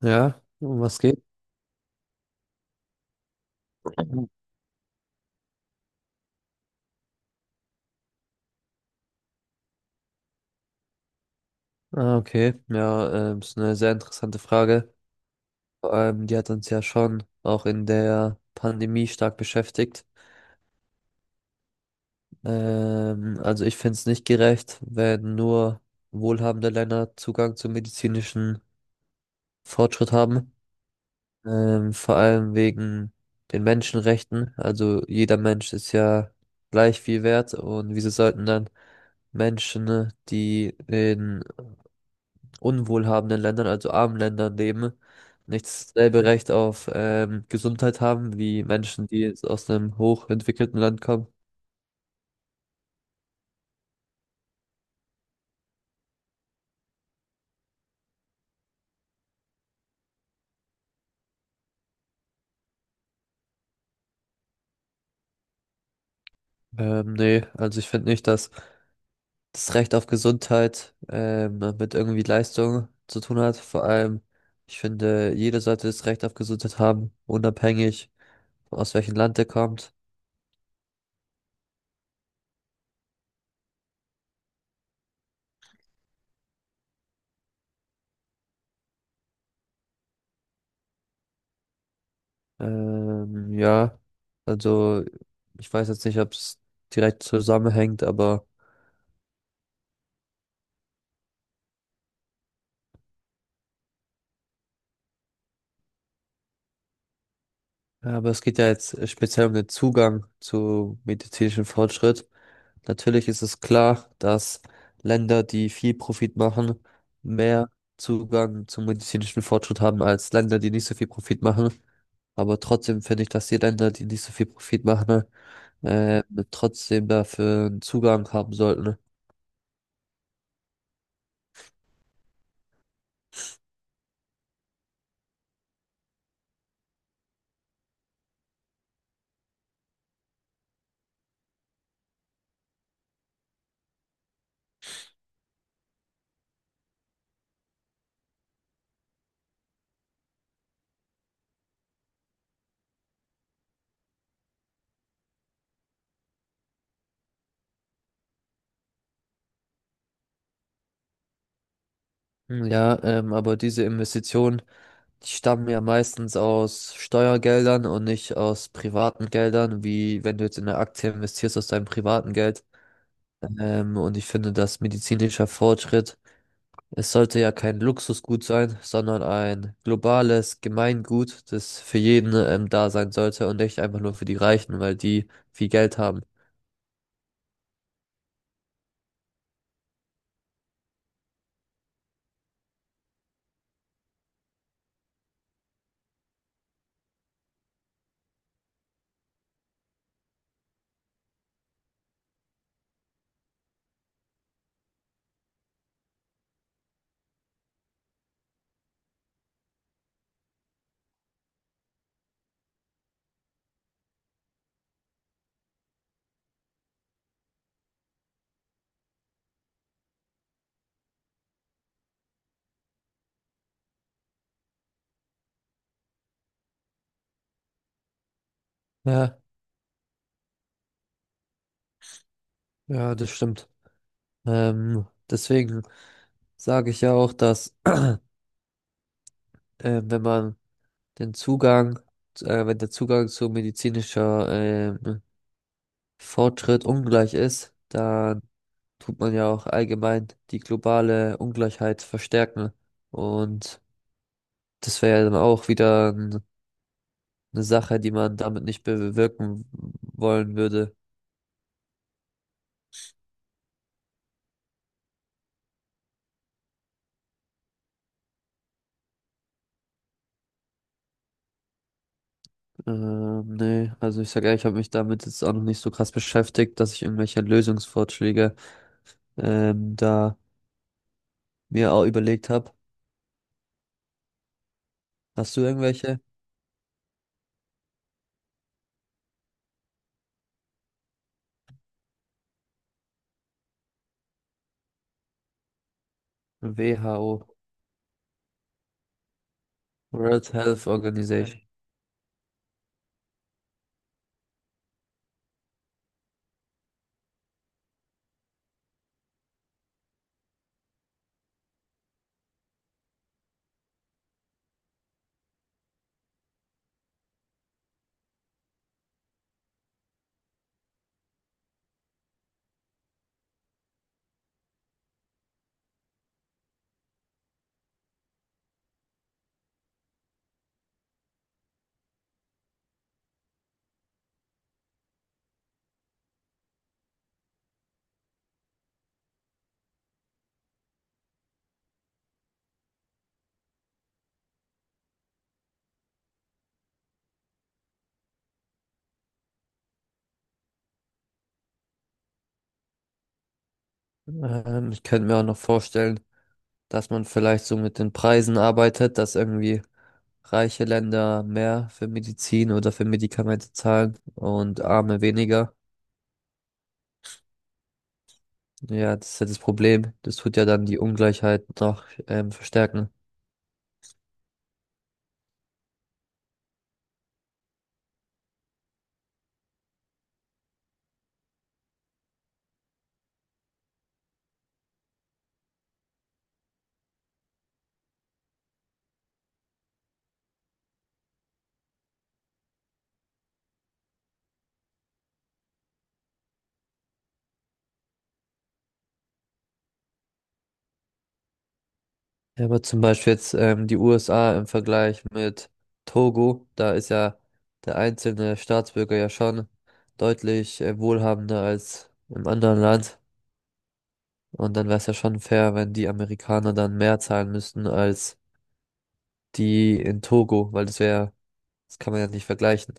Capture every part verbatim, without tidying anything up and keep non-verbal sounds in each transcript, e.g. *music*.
Ja, um was geht? Ah, okay. Ja, ähm, ist eine sehr interessante Frage. Vor allem, die hat uns ja schon auch in der Pandemie stark beschäftigt. Ähm, also ich finde es nicht gerecht, wenn nur wohlhabende Länder Zugang zum medizinischen Fortschritt haben. Ähm, vor allem wegen den Menschenrechten. Also jeder Mensch ist ja gleich viel wert und wieso sollten dann Menschen, ne, die in unwohlhabenden Ländern, also armen Ländern leben, nicht dasselbe Recht auf ähm, Gesundheit haben wie Menschen, die jetzt aus einem hochentwickelten Land kommen. Ähm, nee, also ich finde nicht, dass das Recht auf Gesundheit ähm, mit irgendwie Leistung zu tun hat. Vor allem, ich finde, jeder sollte das Recht auf Gesundheit haben, unabhängig aus welchem Land er kommt. Ähm, ja, also ich weiß jetzt nicht, ob es direkt zusammenhängt, aber ja, aber es geht ja jetzt äh, speziell um den Zugang zu medizinischem Fortschritt. Natürlich ist es klar, dass Länder, die viel Profit machen, mehr Zugang zum medizinischen Fortschritt haben als Länder, die nicht so viel Profit machen. Aber trotzdem finde ich, dass die Länder, die nicht so viel Profit machen, äh, trotzdem dafür einen Zugang haben sollten. Hm, ja, ähm, aber diese Investitionen, die stammen ja meistens aus Steuergeldern und nicht aus privaten Geldern, wie wenn du jetzt in eine Aktie investierst aus deinem privaten Geld. Ähm, und ich finde, dass medizinischer Fortschritt, es sollte ja kein Luxusgut sein, sondern ein globales Gemeingut, das für jeden, ähm, da sein sollte und nicht einfach nur für die Reichen, weil die viel Geld haben. Ja, ja, das stimmt. Ähm, deswegen sage ich ja auch, dass *clears throat* äh, wenn man den Zugang, äh, wenn der Zugang zu medizinischer ähm, Fortschritt ungleich ist, dann tut man ja auch allgemein die globale Ungleichheit verstärken. Und das wäre ja dann auch wieder n- eine Sache, die man damit nicht bewirken wollen würde. Ähm, nee, also ich sag ehrlich, ich habe mich damit jetzt auch noch nicht so krass beschäftigt, dass ich irgendwelche Lösungsvorschläge ähm, da mir auch überlegt habe. Hast du irgendwelche? W H O, World Health Organization. Ähm, ich könnte mir auch noch vorstellen, dass man vielleicht so mit den Preisen arbeitet, dass irgendwie reiche Länder mehr für Medizin oder für Medikamente zahlen und arme weniger. Ja, das ist ja das Problem. Das tut ja dann die Ungleichheit noch ähm, verstärken. Ja, aber zum Beispiel jetzt ähm, die U S A im Vergleich mit Togo, da ist ja der einzelne Staatsbürger ja schon deutlich äh, wohlhabender als im anderen Land. Und dann wäre es ja schon fair, wenn die Amerikaner dann mehr zahlen müssten als die in Togo, weil das wäre, das kann man ja nicht vergleichen.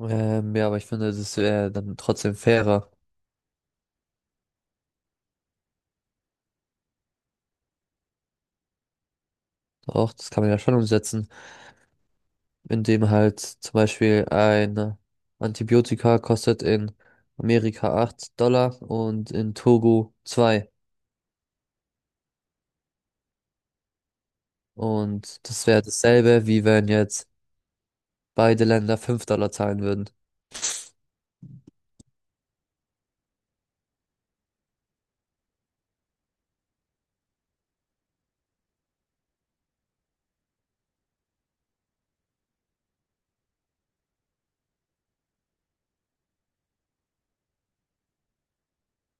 Ähm, ja, aber ich finde, das wäre dann trotzdem fairer. Auch das kann man ja schon umsetzen, indem halt zum Beispiel ein Antibiotika kostet in Amerika acht Dollar und in Togo zwei Dollar. Und das wäre dasselbe, wie wenn jetzt beide Länder fünf Dollar zahlen würden.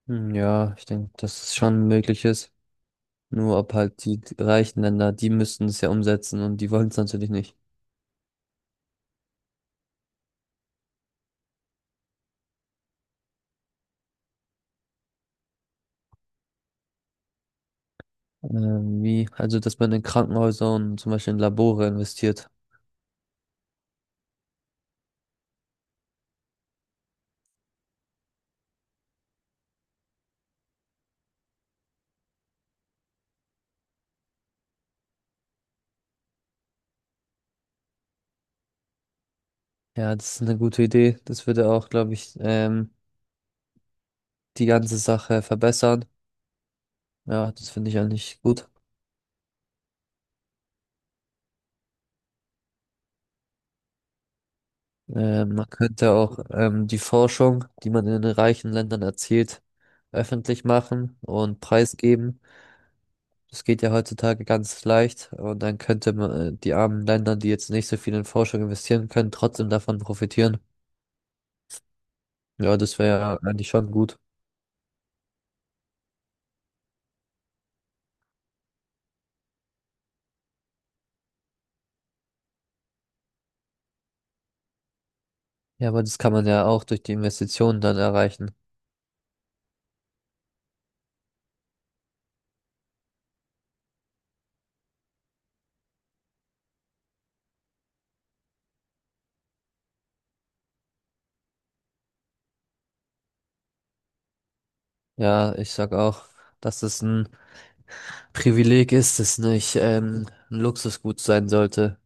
Hm, ja, ich denke, dass es schon möglich ist. Nur ob halt die reichen Länder, die müssten es ja umsetzen und die wollen es natürlich nicht. Ähm, wie? Also, dass man in Krankenhäuser und zum Beispiel in Labore investiert. Ja, das ist eine gute Idee. Das würde auch, glaube ich, ähm, die ganze Sache verbessern. Ja, das finde ich eigentlich gut. Ähm, man könnte auch ähm, die Forschung, die man in den reichen Ländern erzielt, öffentlich machen und preisgeben. Das geht ja heutzutage ganz leicht und dann könnte man äh, die armen Länder, die jetzt nicht so viel in Forschung investieren können, trotzdem davon profitieren. Ja, das wäre ja eigentlich schon gut. Ja, aber das kann man ja auch durch die Investitionen dann erreichen. Ja, ich sag auch, dass es ein Privileg ist, das nicht ähm, ein Luxusgut sein sollte.